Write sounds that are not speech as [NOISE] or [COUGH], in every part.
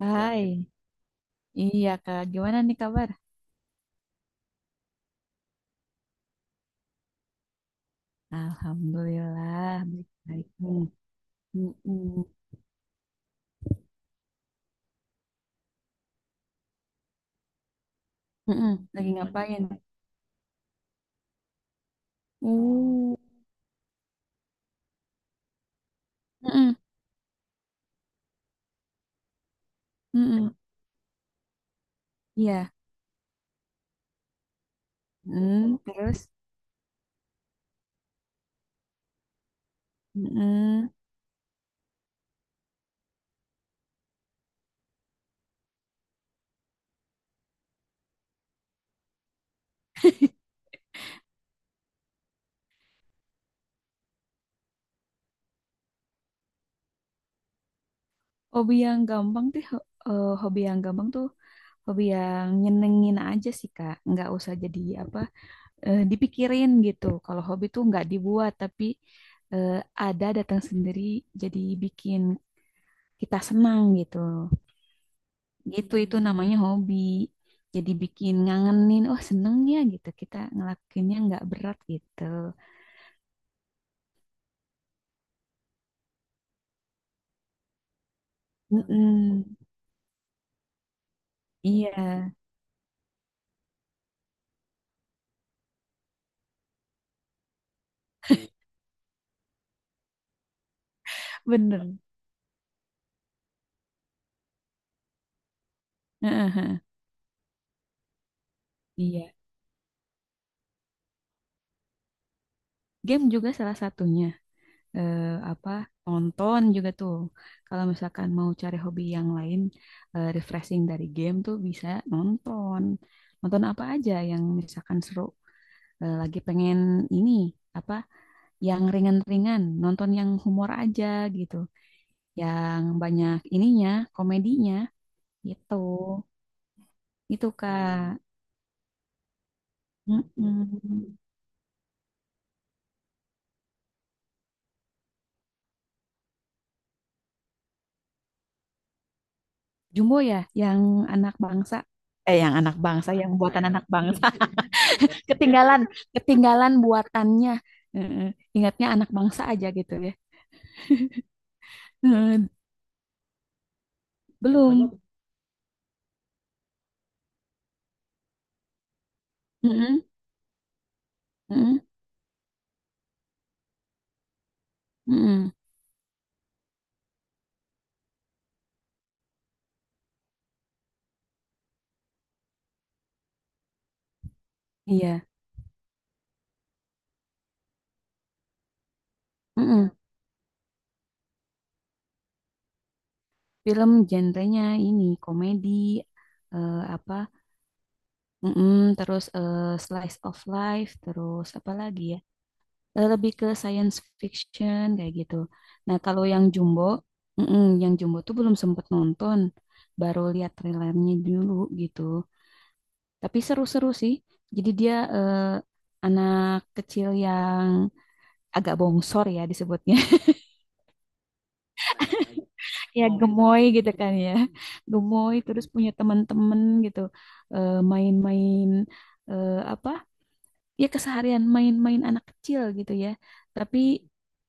Hai, baik, iya Kak. Gimana nih kabar? Alhamdulillah, baik-baik nih. Mm-mm. Mm-mm. Lagi ngapain? Uh, mm-mm. Mm-mm. Iya. Mm, terus, mm-mm. Hobi yang gampang tuh, hobi yang nyenengin aja sih Kak. Nggak usah jadi apa, dipikirin gitu. Kalau hobi tuh nggak dibuat, tapi eh, ada datang sendiri, jadi bikin kita senang gitu. Gitu itu namanya hobi. Jadi bikin ngangenin, oh seneng ya gitu. Kita ngelakuinnya nggak berat gitu. Mm-mm. Iya, [LAUGHS] bener. Heeh, iya. Game juga salah satunya. Eh, apa nonton juga tuh. Kalau misalkan mau cari hobi yang lain, refreshing dari game tuh bisa nonton. Nonton apa aja yang misalkan seru. Lagi pengen ini apa yang ringan-ringan, nonton yang humor aja gitu. Yang banyak ininya, komedinya gitu. Itu Kak. Mm-mm. Jumbo ya, yang anak bangsa. Yang anak bangsa, yang buatan anak bangsa. [LAUGHS] Ketinggalan, ketinggalan buatannya. Mm-mm. Ingatnya anak bangsa aja gitu ya. Mm, belum. Mm-mm. Mm-mm. Mm-mm. Iya. Mm-mm. Film genrenya ini komedi, eh, apa? Mm-mm. Terus slice of life, terus apa lagi ya? Lebih ke science fiction kayak gitu. Nah, kalau yang Jumbo, mm-mm, yang Jumbo tuh belum sempet nonton, baru lihat trailernya dulu gitu. Tapi seru-seru sih. Jadi dia anak kecil yang agak bongsor ya disebutnya, [LAUGHS] ya gemoy gitu kan ya, gemoy terus punya teman-teman gitu. Main-main, eh, apa? ya keseharian main-main anak kecil gitu ya. Tapi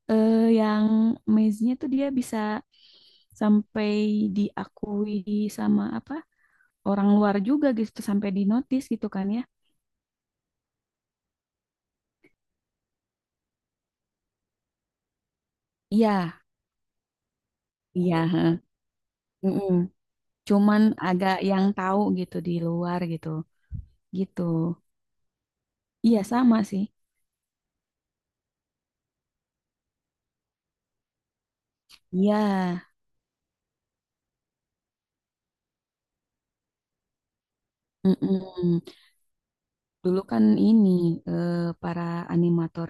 yang maze-nya tuh dia bisa sampai diakui sama apa orang luar juga gitu, sampai di notice gitu kan ya. Iya, iya, heeh. Mm-mm. Cuman agak yang tahu gitu di luar gitu. Gitu. Iya sama sih. Iya, mm-mm. Dulu kan ini, eh, para animator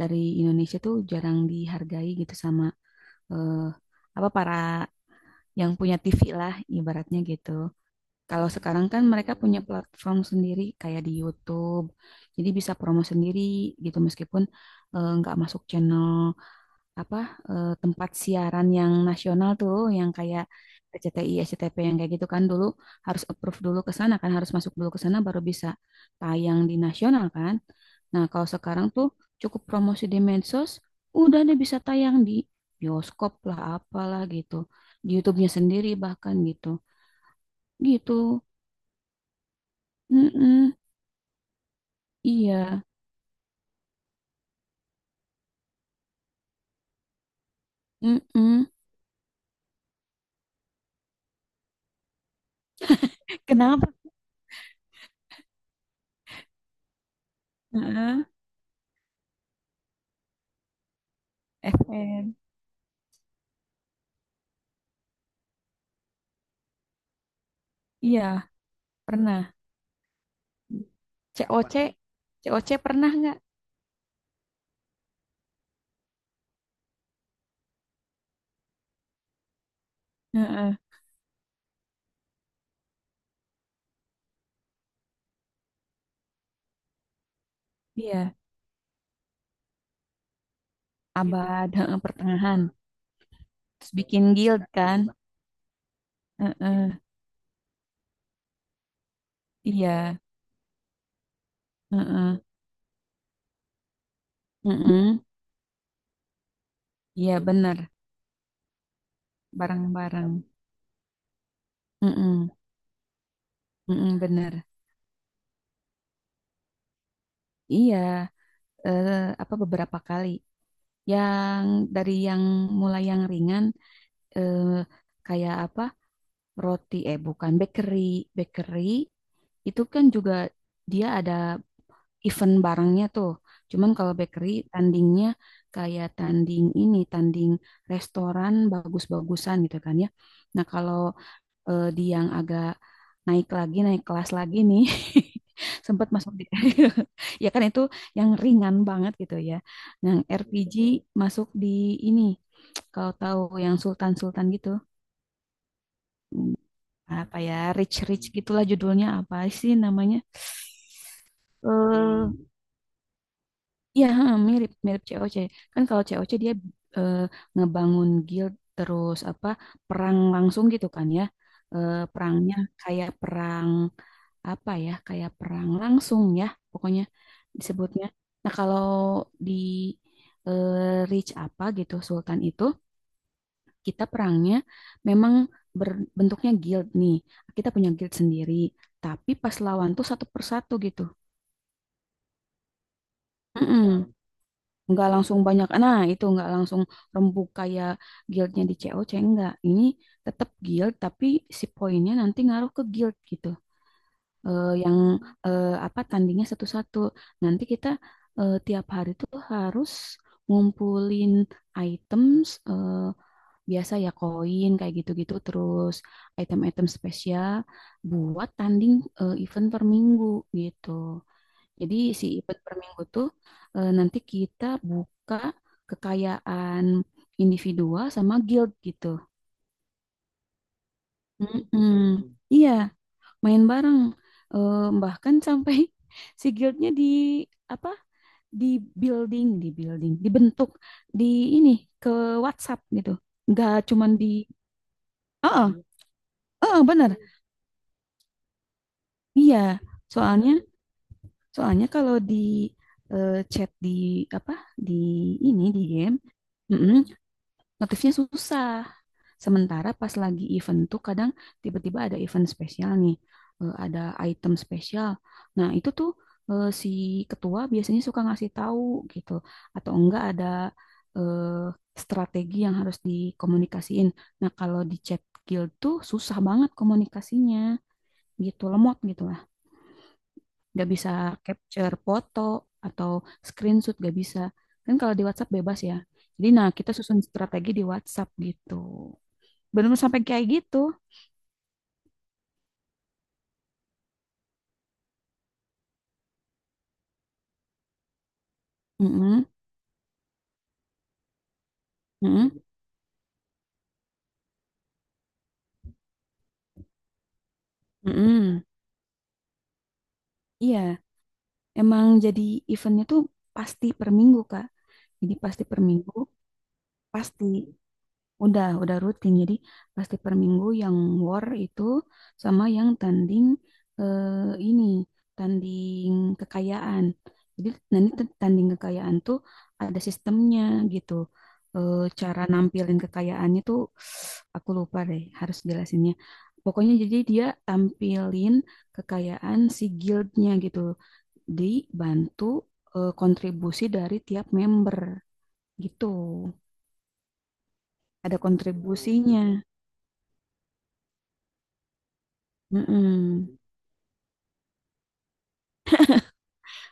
dari Indonesia tuh jarang dihargai gitu sama, eh, apa para yang punya TV lah ibaratnya gitu. Kalau sekarang kan mereka punya platform sendiri kayak di YouTube, jadi bisa promo sendiri gitu meskipun nggak masuk channel apa, tempat siaran yang nasional tuh, yang kayak RCTI, SCTV yang kayak gitu kan dulu harus approve dulu ke sana kan, harus masuk dulu ke sana baru bisa tayang di nasional kan. Nah kalau sekarang tuh cukup promosi di medsos, udah deh bisa tayang di bioskop lah apalah gitu, di YouTube-nya sendiri bahkan gitu, gitu. Mm-mm. Iya, mm. Kenapa? Heeh, FN. Iya, pernah. C C. O C. C O C pernah nggak? Heeh, iya, abad, heeh, pertengahan. Terus bikin guild kan? Heeh, iya, heeh, heeh. Iya benar, bareng-bareng. Heeh, heeh, benar. Iya, eh, apa beberapa kali. Yang dari yang mulai yang ringan, eh, kayak apa? Roti, bukan bakery, bakery. Itu kan juga dia ada event barangnya tuh. Cuman kalau bakery tandingnya kayak tanding ini, tanding restoran bagus-bagusan gitu kan ya. Nah, kalau di yang agak naik lagi, naik kelas lagi nih, [LAUGHS] sempat masuk di [LAUGHS] ya kan itu yang ringan banget gitu ya. Yang RPG masuk di ini, kalau tahu yang Sultan-Sultan gitu. Hmm, apa ya, rich-rich gitulah judulnya, apa sih namanya? Eh, Iya, heeh, mirip mirip COC. Kan kalau COC dia eh, ngebangun guild terus apa perang langsung gitu kan ya. Perangnya kayak perang apa ya? Kayak perang langsung ya, pokoknya disebutnya. Nah, kalau di Reach apa gitu Sultan itu kita perangnya memang berbentuknya guild nih. Kita punya guild sendiri, tapi pas lawan tuh satu persatu gitu. Mm-mm. Nggak langsung banyak, nah itu nggak langsung rembuk kayak guildnya di COC, enggak, ini tetap guild tapi si poinnya nanti ngaruh ke guild gitu. Eh, yang eh, apa Tandingnya satu-satu, nanti kita tiap hari tuh harus ngumpulin items, biasa ya koin kayak gitu-gitu, terus item-item spesial buat tanding, event per minggu gitu. Jadi si IPET per minggu tuh, nanti kita buka kekayaan individual sama guild gitu. Mm-mm. Iya, main bareng. Eh, Bahkan sampai [LAUGHS] si guildnya di apa? Di di building, dibentuk di ini ke WhatsApp gitu. Nggak cuman di, oh, oh, bener. Iya, soalnya, soalnya kalau di chat di apa? Di ini di game, mm-mm, notifnya susah. Sementara pas lagi event tuh kadang tiba-tiba ada event spesial nih, ada item spesial. Nah, itu tuh si ketua biasanya suka ngasih tahu gitu, atau enggak ada eh, strategi yang harus dikomunikasiin. Nah, kalau di chat guild tuh susah banget komunikasinya gitu, lemot gitu lah. Nggak bisa capture foto atau screenshot nggak bisa. Kan kalau di WhatsApp bebas ya. Jadi nah kita susun strategi di WhatsApp gitu. Benar sampai kayak gitu. Mm-mm, mm-mm, mm-mm. Iya, emang jadi eventnya tuh pasti per minggu, Kak. Jadi pasti per minggu, pasti. Udah rutin. Jadi pasti per minggu yang war itu sama yang tanding eh, ini, tanding kekayaan. Jadi nanti tuh tanding kekayaan tuh ada sistemnya gitu. Eh, Cara nampilin kekayaannya tuh [SIGHS] aku lupa deh, harus jelasinnya. Pokoknya jadi dia tampilin kekayaan si guildnya gitu, dibantu kontribusi dari tiap member gitu. Ada kontribusinya. Mm-mm.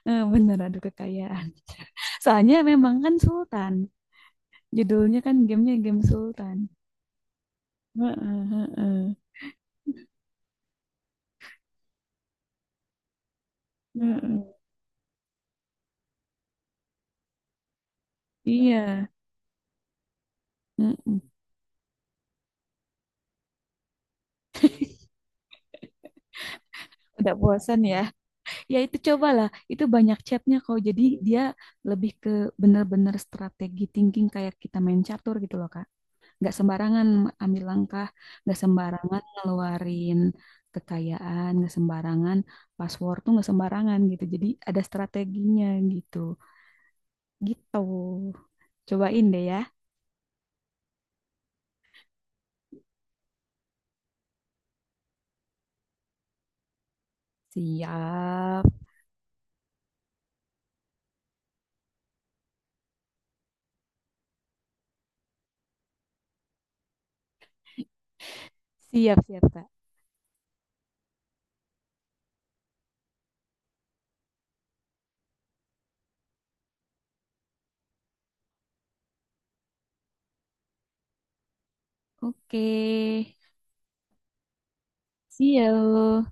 Bener adu kekayaan. [LAUGHS] Soalnya memang kan Sultan. Judulnya kan gamenya game Sultan. Heeh, heeh, heeh. Iya. Mm-mm. Udah bosan ya. Ya itu cobalah. Itu banyak chatnya kok. Jadi dia lebih ke bener-bener strategi thinking kayak kita main catur gitu loh Kak. Nggak sembarangan ambil langkah. Nggak sembarangan ngeluarin kekayaan. Nggak sembarangan password tuh nggak sembarangan gitu. Jadi ada strateginya gitu. Gitu. Cobain deh ya. Siap. Siap, siap, Kak. Oke. See you.